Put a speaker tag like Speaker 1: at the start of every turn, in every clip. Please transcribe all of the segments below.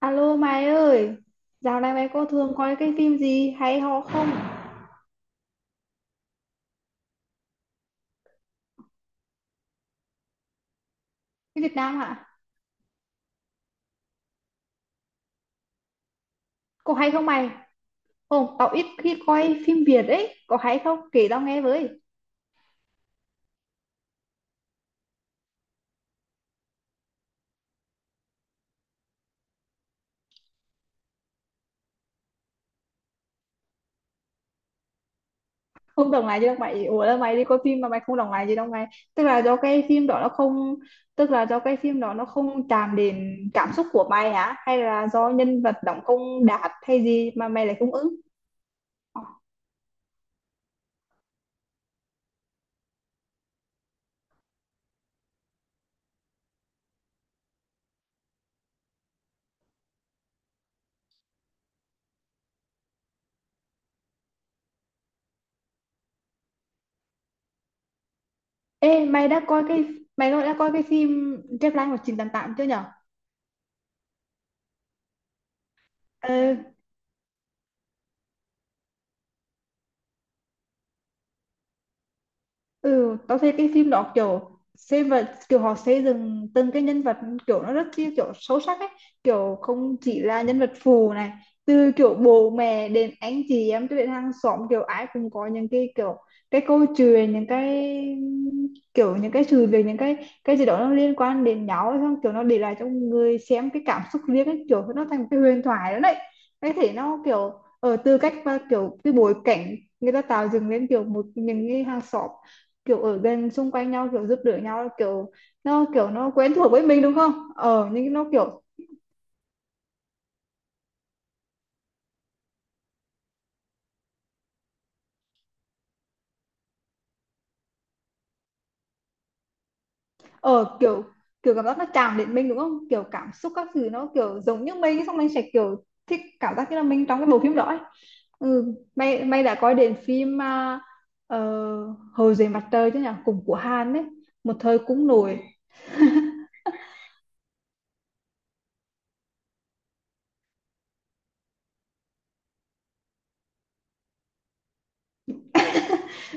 Speaker 1: Alo mày ơi, dạo này mày có thường coi cái phim gì hay ho không? Cái Việt Nam hả? Có hay không mày? Không, tao ít khi coi phim Việt ấy, có hay không? Kể tao nghe với. Không đồng lại gì đâu mày, ủa là mày đi coi phim mà mày không đồng lại gì đâu mày. Tức là do cái phim đó nó không, tức là do cái phim đó nó không chạm đến cảm xúc của mày hả? Hay là do nhân vật đóng không đạt hay gì mà mày lại không ứng? Ê, mày đã coi cái, mày đã coi cái phim Deadline 1988 chưa nhở? Ừ, tao thấy cái phim đó kiểu xem và kiểu họ xây dựng từng cái nhân vật kiểu nó rất chi kiểu sâu sắc ấy, kiểu không chỉ là nhân vật phụ này, từ kiểu bố mẹ đến anh chị em cho đến hàng xóm, kiểu ai cũng có những cái kiểu cái câu chuyện, những cái kiểu những cái sự việc, những cái gì đó nó liên quan đến nhau ấy, xong kiểu nó để lại cho người xem cái cảm xúc riêng ấy, kiểu nó thành một cái huyền thoại đó đấy. Cái thể nó kiểu ở từ cách và kiểu cái bối cảnh người ta tạo dựng lên kiểu một những cái hàng xóm kiểu ở gần xung quanh nhau kiểu giúp đỡ nhau kiểu nó quen thuộc với mình đúng không nhưng nó kiểu ờ kiểu kiểu cảm giác nó chạm đến mình đúng không, kiểu cảm xúc các thứ nó kiểu giống như mình, xong mình sẽ kiểu thích cảm giác như là mình trong cái bộ phim đó ấy. Ừ mày mày đã coi đến phim à, ờ, Hồ dưới mặt trời chứ nhỉ, cùng của Hàn ấy, một thời cũng nổi.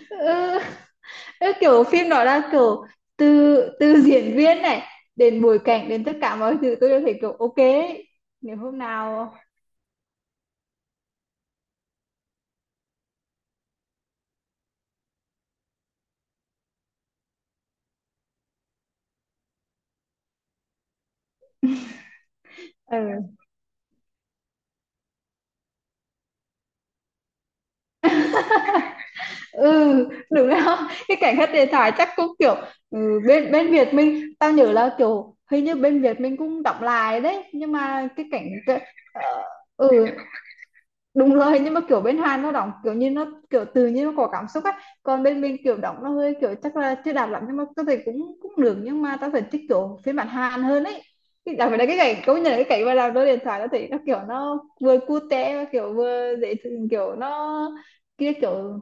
Speaker 1: Ừ, ừ, kiểu phim đó là kiểu từ từ diễn viên này đến bối cảnh đến tất cả mọi thứ tôi đều thấy kiểu ok ấy. Nếu hôm nào ừ ừ đúng không cái cảnh hết điện thoại chắc cũng kiểu ừ, bên bên Việt mình tao nhớ là kiểu hình như bên Việt mình cũng đọc lại đấy, nhưng mà cái cảnh cái, ờ, ừ đúng rồi, nhưng mà kiểu bên Hàn nó đóng kiểu như nó kiểu tự nhiên nó có cảm xúc á, còn bên mình kiểu đóng nó hơi kiểu chắc là chưa đạt lắm, nhưng mà có thể cũng cũng được, nhưng mà tao phải thích kiểu phiên bản Hàn hơn ấy. Cái- đặc biệt là cái cảnh, công nhận là cái cảnh mà làm đôi điện thoại nó thấy nó kiểu nó vừa cute mà kiểu vừa dễ thương, kiểu nó kia kiểu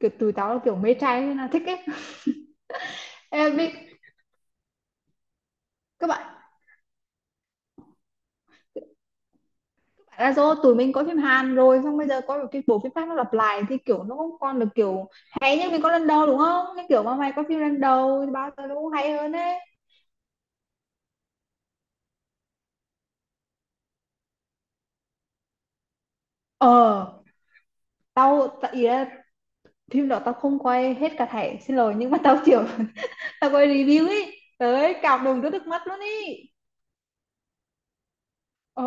Speaker 1: kiểu tụi tao là kiểu mê trai nên là thích ấy. Em biết các bạn, tại là do tụi mình có phim Hàn rồi, xong bây giờ có một cái bộ phim khác nó lặp lại thì kiểu nó không còn được kiểu hay như mình có lần đầu đúng không, nên kiểu mà mày có phim lần đầu thì bao giờ nó cũng hay hơn ấy. Ờ tao tại ý là phim đó tao không quay hết cả thảy, xin lỗi, nhưng mà tao kiểu tao quay review ấy tới cảm động tới nước mắt luôn ý. Ờ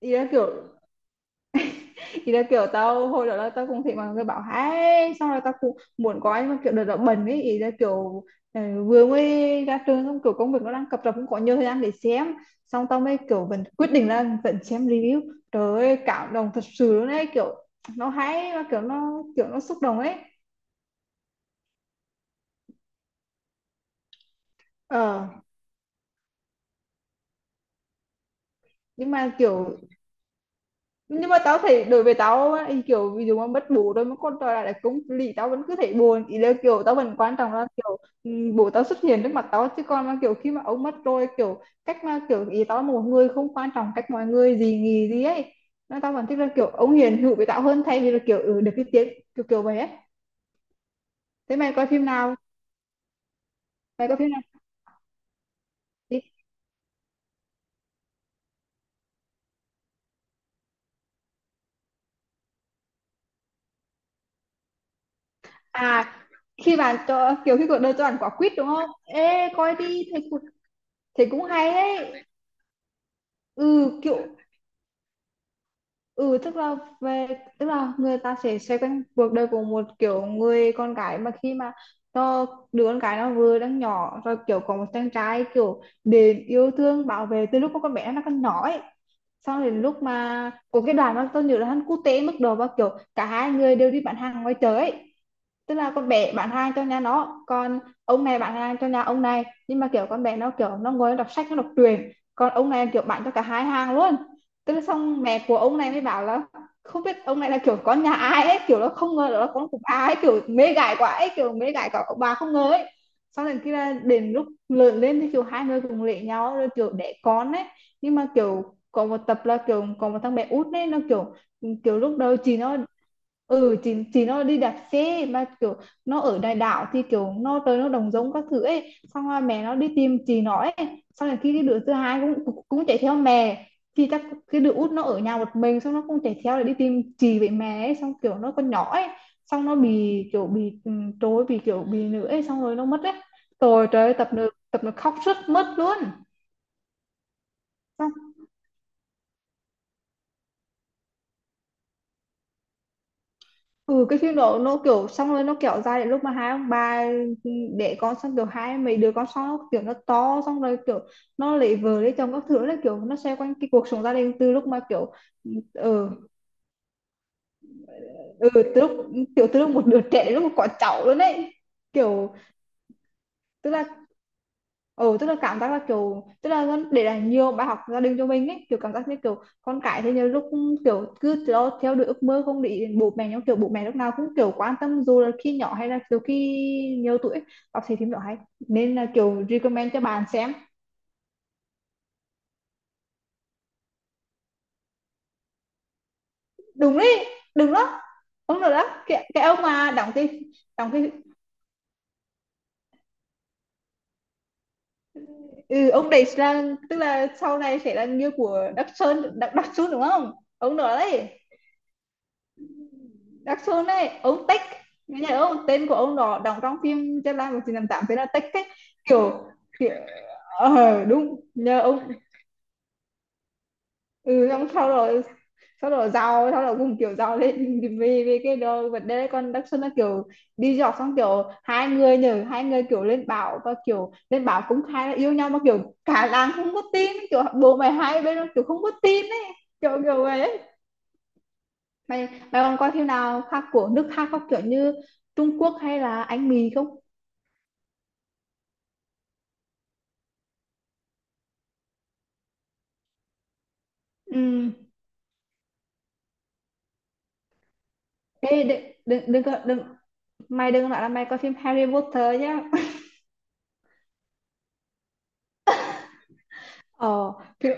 Speaker 1: ý là kiểu, thì là kiểu tao hồi đó là tao cũng thấy mọi người bảo hay, xong rồi tao cũng muốn có, nhưng mà kiểu đợt đó bận ấy, ý là kiểu vừa mới ra trường xong kiểu công việc nó đang cập rập, cũng có nhiều thời gian để xem, xong tao mới kiểu vẫn quyết định là vẫn xem review. Trời ơi cảm động thật sự luôn ấy, kiểu nó hay mà kiểu nó xúc động ấy. Ờ nhưng mà kiểu nhưng mà tao thấy đối với tao á, thì kiểu ví dụ mà mất bố rồi mà con trở lại là cũng lì tao vẫn cứ thấy buồn, ý là kiểu tao vẫn quan trọng là kiểu ừ, bố tao xuất hiện trước mặt tao chứ, còn mà kiểu khi mà ông mất rồi kiểu cách mà kiểu ý tao là một người không quan trọng cách mọi người gì nghỉ gì ấy, nên tao vẫn thích là kiểu ông hiền hữu với tao hơn thay vì là kiểu ừ, được cái tiếng kiểu kiểu vậy ấy. Thế mày coi phim nào, mày coi phim nào đi. À khi bạn cho kiểu khi cuộc đời cho bạn quả quýt đúng không, ê coi đi thấy cũng hay đấy. Ừ kiểu ừ tức là về, tức là người ta sẽ xoay quanh cuộc đời của một kiểu người con gái mà khi mà nó đứa con gái nó vừa đang nhỏ rồi kiểu có một chàng trai kiểu đến yêu thương bảo vệ từ lúc mà con bé nó còn nhỏ ấy, xong đến lúc mà có cái đoàn nó tôi nhớ là hắn quốc tế mức độ và kiểu cả hai người đều đi bán hàng ngoài chợ ấy, tức là con bé bạn hàng cho nhà nó, còn ông này bạn hàng cho nhà ông này, nhưng mà kiểu con bé nó kiểu nó ngồi nó đọc sách nó đọc truyện, còn ông này kiểu bạn cho cả hai hàng luôn. Tức là xong mẹ của ông này mới bảo là không biết ông này là kiểu con nhà ai ấy, kiểu nó không ngờ đó là nó con của bà ấy kiểu mê gái quá ấy, kiểu mê gái cả ông bà không ngờ ấy. Sau đến khi là đến lúc lớn lên thì kiểu hai người cùng lệ nhau rồi kiểu đẻ con ấy, nhưng mà kiểu có một tập là kiểu có một thằng bé út ấy nó kiểu kiểu lúc đầu chị nó ừ thì nó đi đạp xe mà kiểu nó ở đại đạo thì kiểu nó tới nó đồng giống các thứ ấy, xong rồi mẹ nó đi tìm chị nó ấy, xong rồi khi cái đứa thứ hai cũng cũng cũng chạy theo mẹ thì chắc cái đứa út nó ở nhà một mình, xong nó cũng chạy theo để đi tìm chị với mẹ ấy, xong kiểu nó còn nhỏ ấy, xong nó bị kiểu bị ừ, trối bị kiểu bị nữa ấy, xong rồi nó mất ấy. Rồi trời ơi, tập nữa tập nó khóc rất mất luôn. Ừ cái phim đó nó kiểu xong rồi nó kéo dài đến lúc mà hai ông bà đẻ con xong kiểu hai mấy đứa con xong nó kiểu nó to, xong rồi kiểu nó lấy vợ lấy chồng các thứ, là kiểu nó xoay quanh cái cuộc sống gia đình từ lúc mà kiểu ừ, ừ từ lúc kiểu từ lúc một đứa trẻ đến lúc mà có cháu luôn đấy, kiểu tức là ừ tức là cảm giác là kiểu tức là con- để lại nhiều bài học gia đình cho mình ấy, kiểu cảm giác như kiểu con cái thì nhiều lúc kiểu cứ theo, theo đuổi ước mơ không để ý đến bố mẹ, nhưng kiểu bố mẹ lúc nào cũng kiểu quan tâm dù là khi nhỏ hay là kiểu khi nhiều tuổi ấy. Đọc thì phim đó hay, nên là kiểu recommend cho bạn xem. Đúng đấy, đúng đó, ông nữa đó cái ông mà đóng cái ừ, ông đấy là tức là sau này sẽ là như của Đắc Sơn Đắc, Đắc Xuân đúng không, ông nữa đấy, Đắc Sơn ấy ông Tích, cái nhà ông tên của ông đó đóng trong phim Chết Lai 1988 tên là Tích ấy, kiểu kiểu đúng nhờ ông. Ừ xong sau rồi, sau rồi giàu, sau rồi cùng kiểu giàu lên vì vì cái đó vấn đề đấy. Còn Đắc Xuân là kiểu đi dọc, xong kiểu hai người nhờ hai người kiểu lên bảo và kiểu lên bảo cũng khai là yêu nhau, mà kiểu cả làng không có tin kiểu bố mày hai bên kiểu không có tin ấy, kiểu kiểu vậy ấy. Mày mày còn coi phim nào khác của nước khác không, kiểu như Trung Quốc hay là Anh Mỹ không? Ừ, ê đừng đừng đừng có- đừng mày đừng nói là mày coi phim Harry Potter nhá. Ờ phim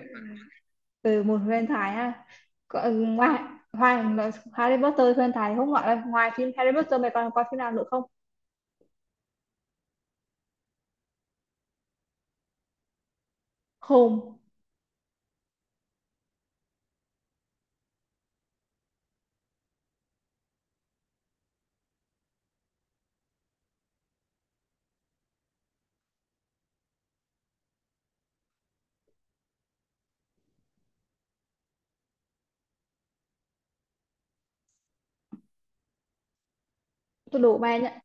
Speaker 1: từ một huyền thoại ha. Có, ừ, ngoài ngoài nói- Harry Potter huyền thoại thì không gọi là ngoài phim Harry Potter mày còn coi phim nào nữa không? Không tôi đủ mày nhá.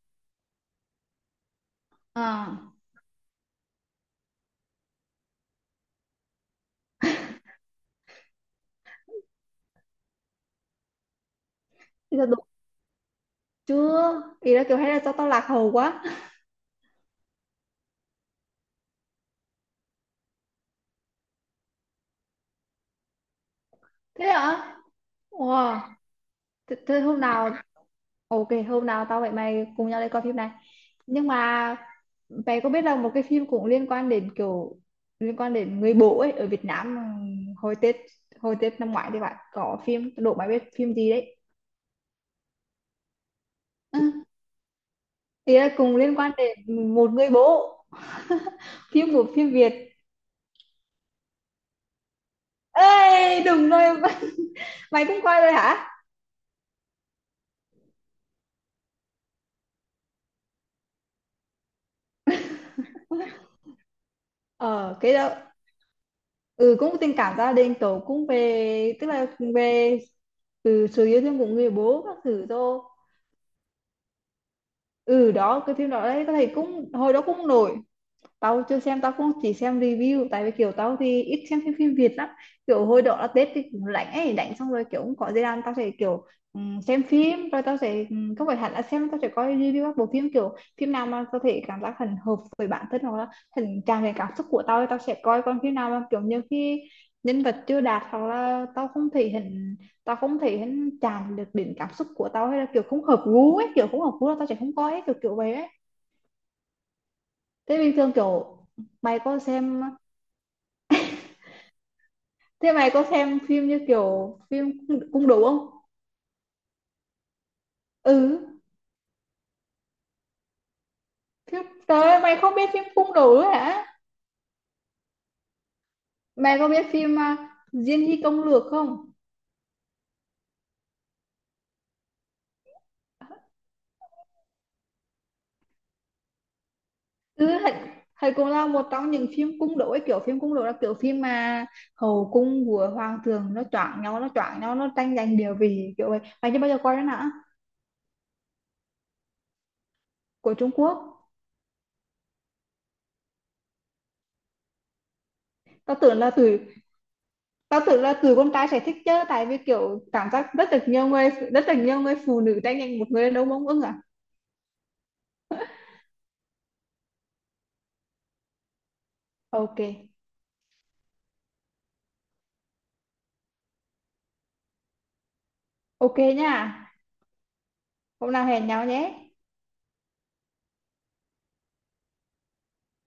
Speaker 1: À, bây giờ đủ chưa? Ý là kiểu hay là tao tao lạc hầu quá. Thế hả? Wow. Thế, thế hôm nào ok, hôm nào tao với mày cùng nhau đi coi phim này. Nhưng mà mày có biết là một cái phim cũng liên quan đến kiểu liên quan đến người bố ấy ở Việt Nam hồi Tết, hồi Tết năm ngoái thì bạn có phim đố mày biết phim gì đấy? Ý là cùng liên quan đến một người bố phim của phim Việt. Ê, đúng rồi. Mày cũng coi rồi hả? Ờ, cái đó ừ cũng tình cảm gia đình tổ, cũng về tức là về từ sự yêu thương của người bố các thứ thôi. Ừ đó cái phim đó đấy, có thể cũng hồi đó cũng nổi. Tao chưa xem, tao cũng chỉ xem review, tại vì kiểu tao thì ít xem phim, phim Việt lắm, kiểu hồi đó là Tết thì cũng rảnh ấy, rảnh xong rồi kiểu cũng có gì làm tao sẽ kiểu xem phim rồi tao sẽ không phải hẳn là xem, tao sẽ coi review các bộ phim, kiểu phim nào mà tao thể cảm giác hình hợp với bản thân hoặc là hình chạm về cảm xúc của tao thì tao sẽ coi, còn phim nào mà kiểu như khi nhân vật chưa đạt hoặc là tao không thể hình, tao không thể hình chạm được đến cảm xúc của tao hay là kiểu không hợp gu ấy, kiểu không hợp gu là tao sẽ không coi ấy, kiểu kiểu vậy ấy. Thế bình thường kiểu mày có xem, thế mày có xem phim như kiểu phim cung đấu không? Ừ. Thế, trời ơi, mày không biết phim cung đấu ấy hả? Mày có biết phim à, Diên Hy Công Lược không? Ừ, Hạnh Hạnh Cùng lao một trong những phim cung đấu ấy, kiểu phim cung đấu là kiểu phim mà hậu cung của hoàng tường nó choảng nhau, nó choảng nhau, nó tranh giành địa vị kiểu vậy. Mày chưa bao giờ coi đó hả? Của Trung Quốc. Tao tưởng là tụi tao tưởng là tụi con trai sẽ thích chứ, tại vì kiểu cảm giác rất là nhiều người, rất là nhiều người phụ nữ tranh giành một người đàn ông ưng à. Ok. Ok nha. Hôm nào hẹn nhau nhé.